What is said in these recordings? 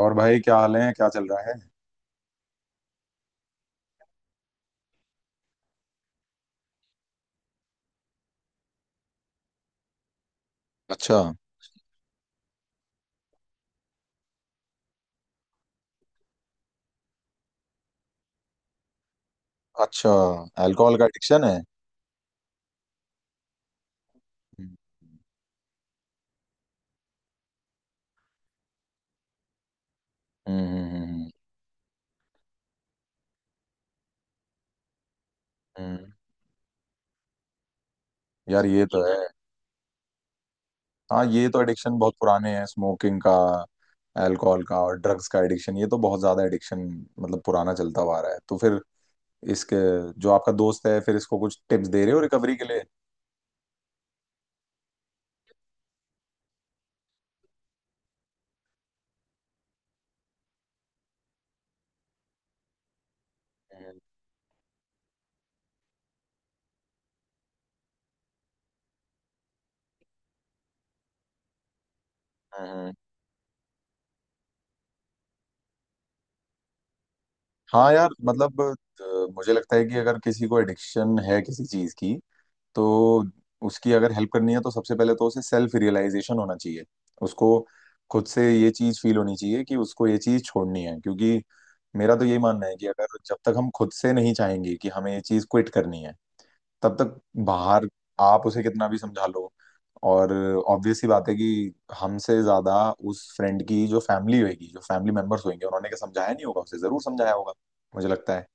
और भाई, क्या हाल है? क्या चल रहा है? अच्छा। अच्छा, अल्कोहल का एडिक्शन है? हम्म। हम्म। हम्म, हम्म। यार, ये तो है। हाँ, ये तो एडिक्शन बहुत पुराने हैं। स्मोकिंग का, अल्कोहल का और ड्रग्स का एडिक्शन, ये तो बहुत ज्यादा एडिक्शन मतलब पुराना चलता हुआ आ रहा है। तो फिर इसके, जो आपका दोस्त है, फिर इसको कुछ टिप्स दे रहे हो रिकवरी के लिए? हम्म, हम्म। हाँ यार, मतलब मुझे लगता है कि अगर किसी को एडिक्शन है किसी चीज की, तो उसकी अगर हेल्प करनी है तो सबसे पहले तो उसे सेल्फ रियलाइजेशन होना चाहिए। उसको खुद से ये चीज फील होनी चाहिए कि उसको ये चीज छोड़नी है, क्योंकि मेरा तो यही मानना है कि अगर जब तक हम खुद से नहीं चाहेंगे कि हमें ये चीज क्विट करनी है, तब तक बाहर आप उसे कितना भी समझा लो। और ऑब्वियस सी बात है कि हमसे ज्यादा उस फ्रेंड की जो फैमिली होगी, जो फैमिली मेंबर्स होंगे, उन्होंने क्या समझाया नहीं होगा? उसे जरूर समझाया होगा, मुझे लगता है।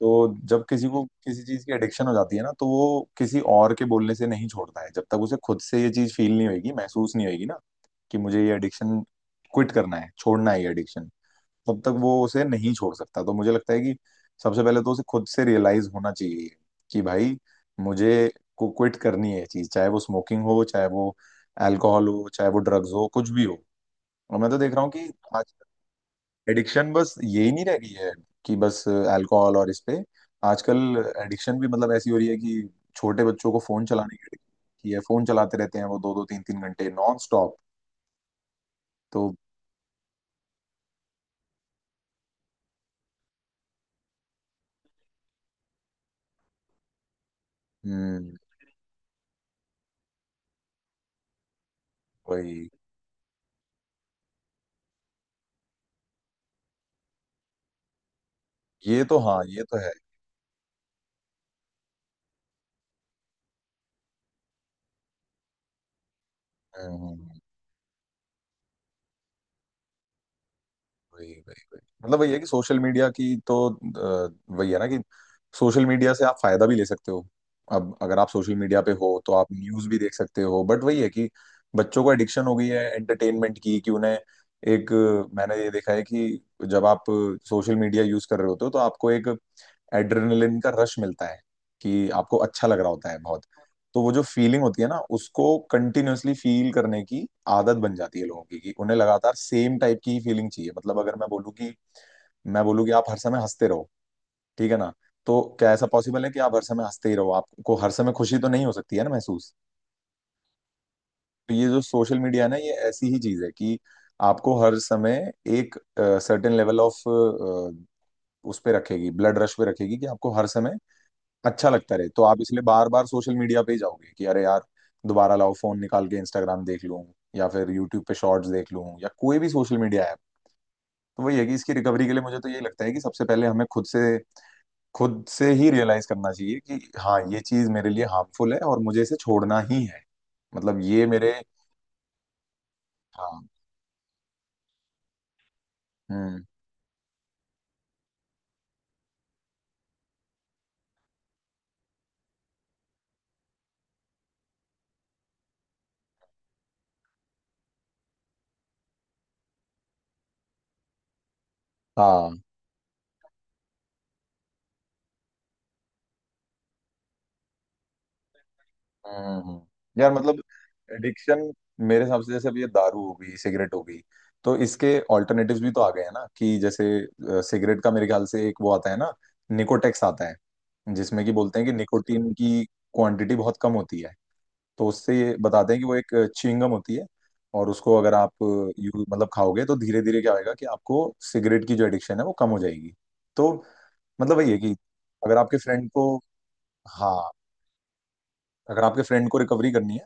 तो जब किसी को किसी चीज की एडिक्शन हो जाती है ना, तो वो किसी और के बोलने से नहीं छोड़ता है। जब तक उसे खुद से ये चीज फील नहीं होगी, महसूस नहीं होगी ना, कि मुझे ये एडिक्शन क्विट करना है, छोड़ना है ये एडिक्शन, तब तक वो उसे नहीं छोड़ सकता। तो मुझे लगता है कि सबसे पहले तो उसे खुद से रियलाइज होना चाहिए कि भाई, मुझे को क्विट करनी है ये चीज, चाहे वो स्मोकिंग हो, चाहे वो अल्कोहल हो, चाहे वो ड्रग्स हो, कुछ भी हो। और मैं तो देख रहा हूँ कि आज एडिक्शन बस यही नहीं रह गई है कि बस अल्कोहल, और इस पे आजकल एडिक्शन भी मतलब ऐसी हो रही है कि छोटे बच्चों को फोन चलाने की addiction की है। फोन चलाते रहते हैं वो दो दो तीन तीन घंटे नॉन स्टॉप। तो हम्म, वही। ये तो हाँ, ये तो है। हम्म हम्म, हम्म। वही वही वही, मतलब वही है कि सोशल मीडिया की तो वही है ना, कि सोशल मीडिया से आप फायदा भी ले सकते हो। अब अगर आप सोशल मीडिया पे हो तो आप न्यूज भी देख सकते हो, बट वही है कि बच्चों को एडिक्शन हो गई है एंटरटेनमेंट की, कि उन्हें एक मैंने ये देखा है कि जब आप सोशल मीडिया यूज कर रहे होते हो तो आपको एक एड्रेनलिन का रश मिलता है, कि आपको अच्छा लग रहा होता है बहुत। तो वो जो फीलिंग होती है ना, उसको कंटिन्यूअसली फील करने की आदत बन जाती है लोगों की, कि उन्हें लगातार सेम टाइप की ही फीलिंग चाहिए। मतलब अगर मैं बोलूँ कि आप हर समय हंसते रहो, ठीक है ना, तो क्या ऐसा पॉसिबल है कि आप हर समय हंसते ही रहो? आपको हर समय खुशी तो नहीं हो सकती है ना महसूस। तो ये जो सोशल मीडिया है ना, ये ऐसी ही चीज है कि आपको हर समय एक सर्टेन लेवल ऑफ उस पे रखेगी, ब्लड रश पे रखेगी, कि आपको हर समय अच्छा लगता रहे। तो आप इसलिए बार बार सोशल मीडिया पे ही जाओगे कि अरे यार, दोबारा लाओ फोन निकाल के, इंस्टाग्राम देख लूं या फिर यूट्यूब पे शॉर्ट्स देख लूं, या कोई भी सोशल मीडिया ऐप। तो वही है कि इसकी रिकवरी के लिए मुझे तो ये लगता है कि सबसे पहले हमें खुद से, खुद से ही रियलाइज करना चाहिए कि हाँ, ये चीज मेरे लिए हार्मफुल है और मुझे इसे छोड़ना ही है। मतलब ये मेरे हाँ। हम्म। हाँ। यार मतलब एडिक्शन मेरे हिसाब से, जैसे अब ये दारू हो गई, सिगरेट हो गई, तो इसके ऑल्टरनेटिव्स भी तो आ गए हैं ना, कि जैसे सिगरेट का मेरे ख्याल से एक वो आता है ना, निकोटेक्स आता है, जिसमें कि बोलते हैं कि निकोटीन की क्वांटिटी बहुत कम होती है। तो उससे ये बताते हैं कि वो एक च्युइंगम होती है, और उसको अगर आप यू मतलब खाओगे, तो धीरे धीरे क्या होएगा कि आपको सिगरेट की जो एडिक्शन है वो कम हो जाएगी। तो मतलब वही है कि अगर आपके फ्रेंड को, हाँ, अगर आपके फ्रेंड को रिकवरी करनी है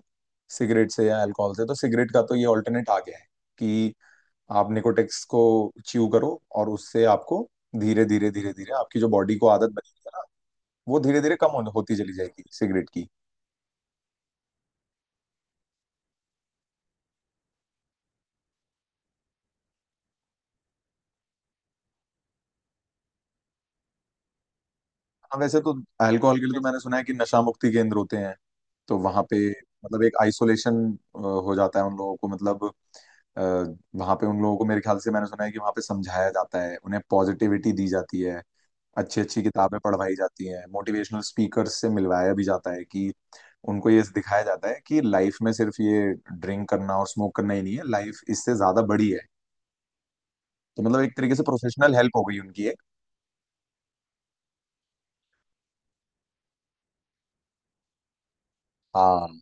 सिगरेट से या अल्कोहल से, तो सिगरेट का तो ये ऑल्टरनेट आ गया है कि आप निकोटेक्स को च्यू करो, और उससे आपको धीरे धीरे धीरे धीरे आपकी जो बॉडी को आदत बनी है ना, वो धीरे धीरे कम होती चली जाएगी सिगरेट की। हाँ वैसे तो अल्कोहल के लिए तो मैंने सुना है कि नशा मुक्ति केंद्र होते हैं। तो वहां पे मतलब एक आइसोलेशन हो जाता है उन लोगों को। मतलब अ, वहां पे उन लोगों को, मेरे ख्याल से मैंने सुना है कि वहां पे समझाया जाता है उन्हें, पॉजिटिविटी दी जाती है, अच्छी अच्छी किताबें पढ़वाई जाती हैं, मोटिवेशनल स्पीकर्स से मिलवाया भी जाता है, कि उनको ये दिखाया जाता है कि लाइफ में सिर्फ ये ड्रिंक करना और स्मोक करना ही नहीं है, लाइफ इससे ज्यादा बड़ी है। तो मतलब एक तरीके से प्रोफेशनल हेल्प हो गई उनकी एक। हाँ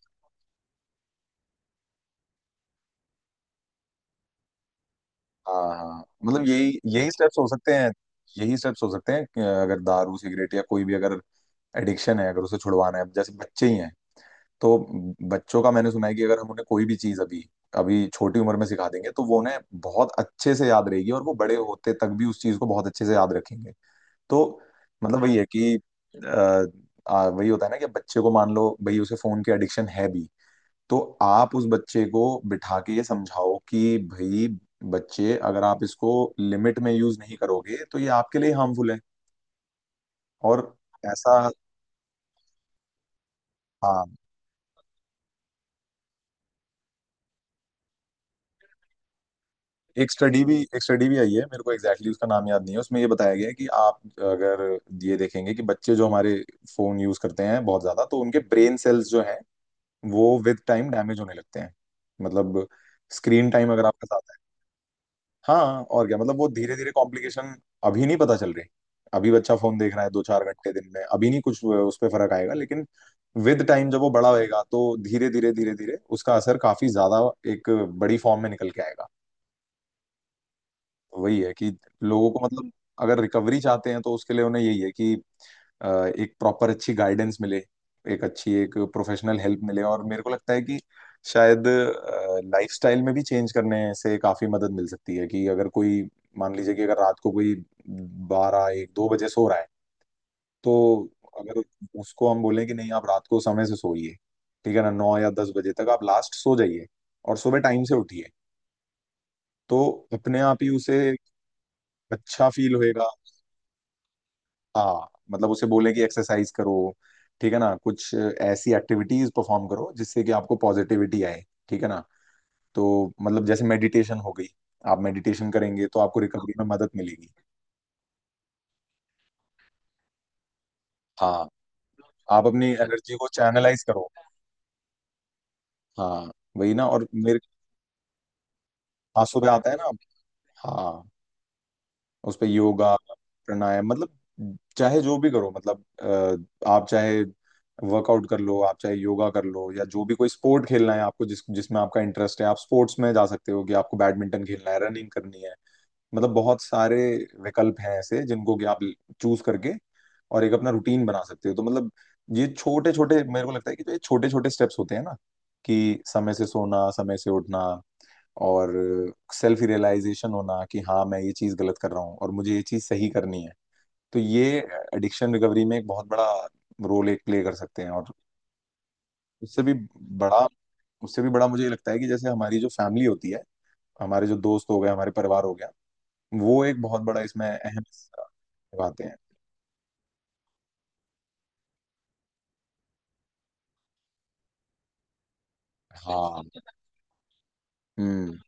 हाँ हाँ, मतलब यही यही स्टेप्स हो सकते हैं। यही स्टेप्स हो सकते हैं कि अगर दारू, सिगरेट या कोई भी अगर एडिक्शन है, अगर उसे छुड़वाना है, अब जैसे बच्चे ही हैं, तो बच्चों का मैंने सुना है कि अगर हम उन्हें कोई भी चीज अभी, अभी छोटी उम्र में सिखा देंगे, तो वो उन्हें बहुत अच्छे से याद रहेगी, और वो बड़े होते तक भी उस चीज को बहुत अच्छे से याद रखेंगे। तो मतलब वही है कि अ, वही होता है ना, कि बच्चे को, मान लो भाई, उसे फोन की एडिक्शन है भी, तो आप उस बच्चे को बिठा के ये समझाओ कि भाई बच्चे, अगर आप इसको लिमिट में यूज नहीं करोगे तो ये आपके लिए हार्मफुल है, और ऐसा। हाँ एक स्टडी भी, एक स्टडी भी आई है, मेरे को एग्जैक्टली exactly उसका नाम याद नहीं है, उसमें ये बताया गया है कि आप अगर ये देखेंगे कि बच्चे जो हमारे फोन यूज करते हैं बहुत ज्यादा, तो उनके ब्रेन सेल्स जो हैं वो विद टाइम डैमेज होने लगते हैं। मतलब स्क्रीन टाइम अगर आपके साथ है, हाँ और क्या मतलब वो धीरे धीरे कॉम्प्लिकेशन अभी नहीं पता चल रही। अभी बच्चा फोन देख रहा है दो चार घंटे दिन में, अभी नहीं कुछ उस पर फर्क आएगा, लेकिन विद टाइम जब वो बड़ा होएगा, तो धीरे धीरे धीरे धीरे उसका असर काफी ज्यादा एक बड़ी फॉर्म में निकल के आएगा। वही है कि लोगों को मतलब अगर रिकवरी चाहते हैं, तो उसके लिए उन्हें यही है कि अ, एक प्रॉपर अच्छी गाइडेंस मिले, एक अच्छी एक प्रोफेशनल हेल्प मिले, और मेरे को लगता है कि शायद लाइफस्टाइल में भी चेंज करने से काफी मदद मिल सकती है। कि अगर कोई, मान लीजिए कि अगर रात को कोई बारह एक दो बजे सो रहा है, तो अगर उसको हम बोलें कि नहीं, आप रात को समय से सोइए, ठीक है ना, नौ या दस बजे तक आप लास्ट सो जाइए और सुबह टाइम से उठिए, तो अपने आप ही उसे अच्छा फील होएगा। हाँ, मतलब उसे बोले कि एक्सरसाइज करो, ठीक है ना, कुछ ऐसी एक्टिविटीज परफॉर्म करो जिससे कि आपको पॉजिटिविटी आए, ठीक है ना। तो मतलब जैसे मेडिटेशन हो गई, आप मेडिटेशन करेंगे तो आपको रिकवरी में मदद मिलेगी। हाँ, आप अपनी एनर्जी को चैनलाइज करो। हाँ, वही ना। और मेरे, हाँ सुबह आता है ना। हाँ, उस पे योगा, प्राणायाम, मतलब चाहे जो भी करो, मतलब आप चाहे वर्कआउट कर लो, आप चाहे योगा कर लो, या जो भी कोई स्पोर्ट खेलना है आपको, जिस जिसमें आपका इंटरेस्ट है, आप स्पोर्ट्स में जा सकते हो कि आपको बैडमिंटन खेलना है, रनिंग करनी है। मतलब बहुत सारे विकल्प हैं ऐसे जिनको कि आप चूज करके और एक अपना रूटीन बना सकते हो। तो मतलब ये छोटे छोटे, मेरे को लगता है कि जो ये छोटे छोटे स्टेप्स होते हैं ना, कि समय से सोना, समय से उठना, और सेल्फ रियलाइजेशन होना कि हाँ, मैं ये चीज़ गलत कर रहा हूँ और मुझे ये चीज़ सही करनी है, तो ये एडिक्शन रिकवरी में एक बहुत बड़ा रोल एक प्ले कर सकते हैं। और उससे भी बड़ा, उससे भी बड़ा मुझे ये लगता है कि जैसे हमारी जो फैमिली होती है, हमारे जो दोस्त हो गए, हमारे परिवार हो गया, वो एक बहुत बड़ा इसमें अहम हिस्सा निभाते हैं। हाँ। हम्म।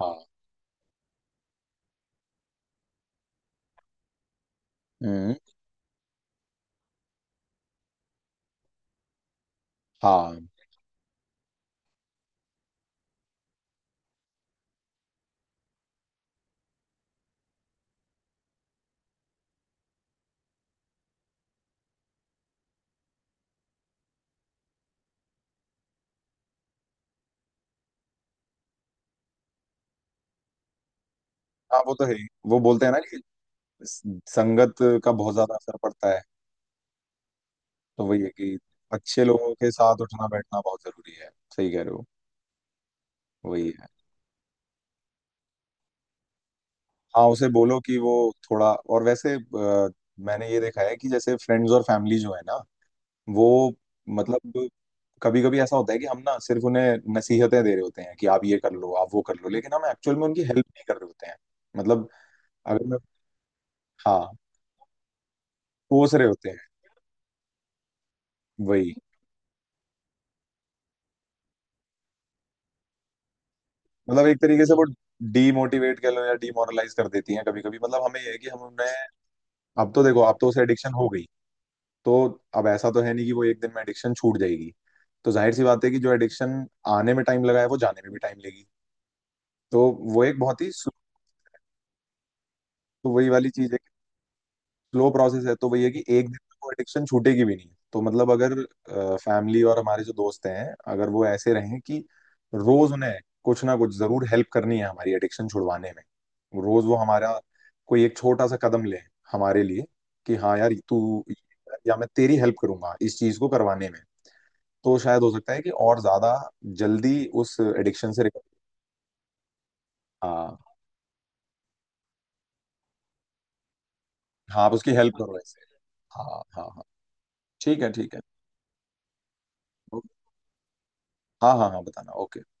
हाँ। हम्म। हाँ हाँ, वो तो है ही। वो बोलते हैं ना कि संगत का बहुत ज्यादा असर पड़ता है। तो वही है कि अच्छे लोगों के साथ उठना बैठना बहुत जरूरी है। सही कह रहे हो। वही है। हाँ, उसे बोलो कि वो थोड़ा और वैसे मैंने ये देखा है कि जैसे फ्रेंड्स और फैमिली जो है ना, वो मतलब कभी कभी ऐसा होता है कि हम ना सिर्फ उन्हें नसीहतें दे रहे होते हैं कि आप ये कर लो, आप वो कर लो, लेकिन हम एक्चुअल में उनकी हेल्प नहीं कर रहे होते हैं। मतलब अगर मैं, हाँ कोस रहे होते हैं। वही, मतलब एक तरीके से वो डीमोटिवेट कर लो या डीमोरलाइज कर देती हैं कभी कभी, मतलब हमें ये है कि हम उन्हें, अब तो देखो अब तो उसे एडिक्शन हो गई है, तो अब ऐसा तो है नहीं कि वो एक दिन में एडिक्शन छूट जाएगी। तो जाहिर सी बात है कि जो एडिक्शन आने में टाइम लगा है, वो जाने में भी टाइम लेगी। तो वो एक बहुत ही slow-, तो वही वाली चीज है, स्लो प्रोसेस है। तो वही है कि एक दिन में वो एडिक्शन छूटेगी भी नहीं। तो मतलब अगर फैमिली और हमारे जो दोस्त हैं, अगर वो ऐसे रहें कि रोज उन्हें कुछ ना कुछ जरूर हेल्प करनी है हमारी एडिक्शन छुड़वाने में, रोज वो हमारा कोई एक छोटा सा कदम ले हमारे लिए, कि हाँ यार, तू या मैं तेरी हेल्प करूंगा इस चीज को करवाने में, तो शायद हो सकता है कि और ज्यादा जल्दी उस एडिक्शन से रिकवर। हाँ हाँ, आप उसकी हेल्प करो ऐसे। हाँ हाँ हाँ। ठीक है, ठीक है। हाँ हाँ हाँ, बताना। ओके।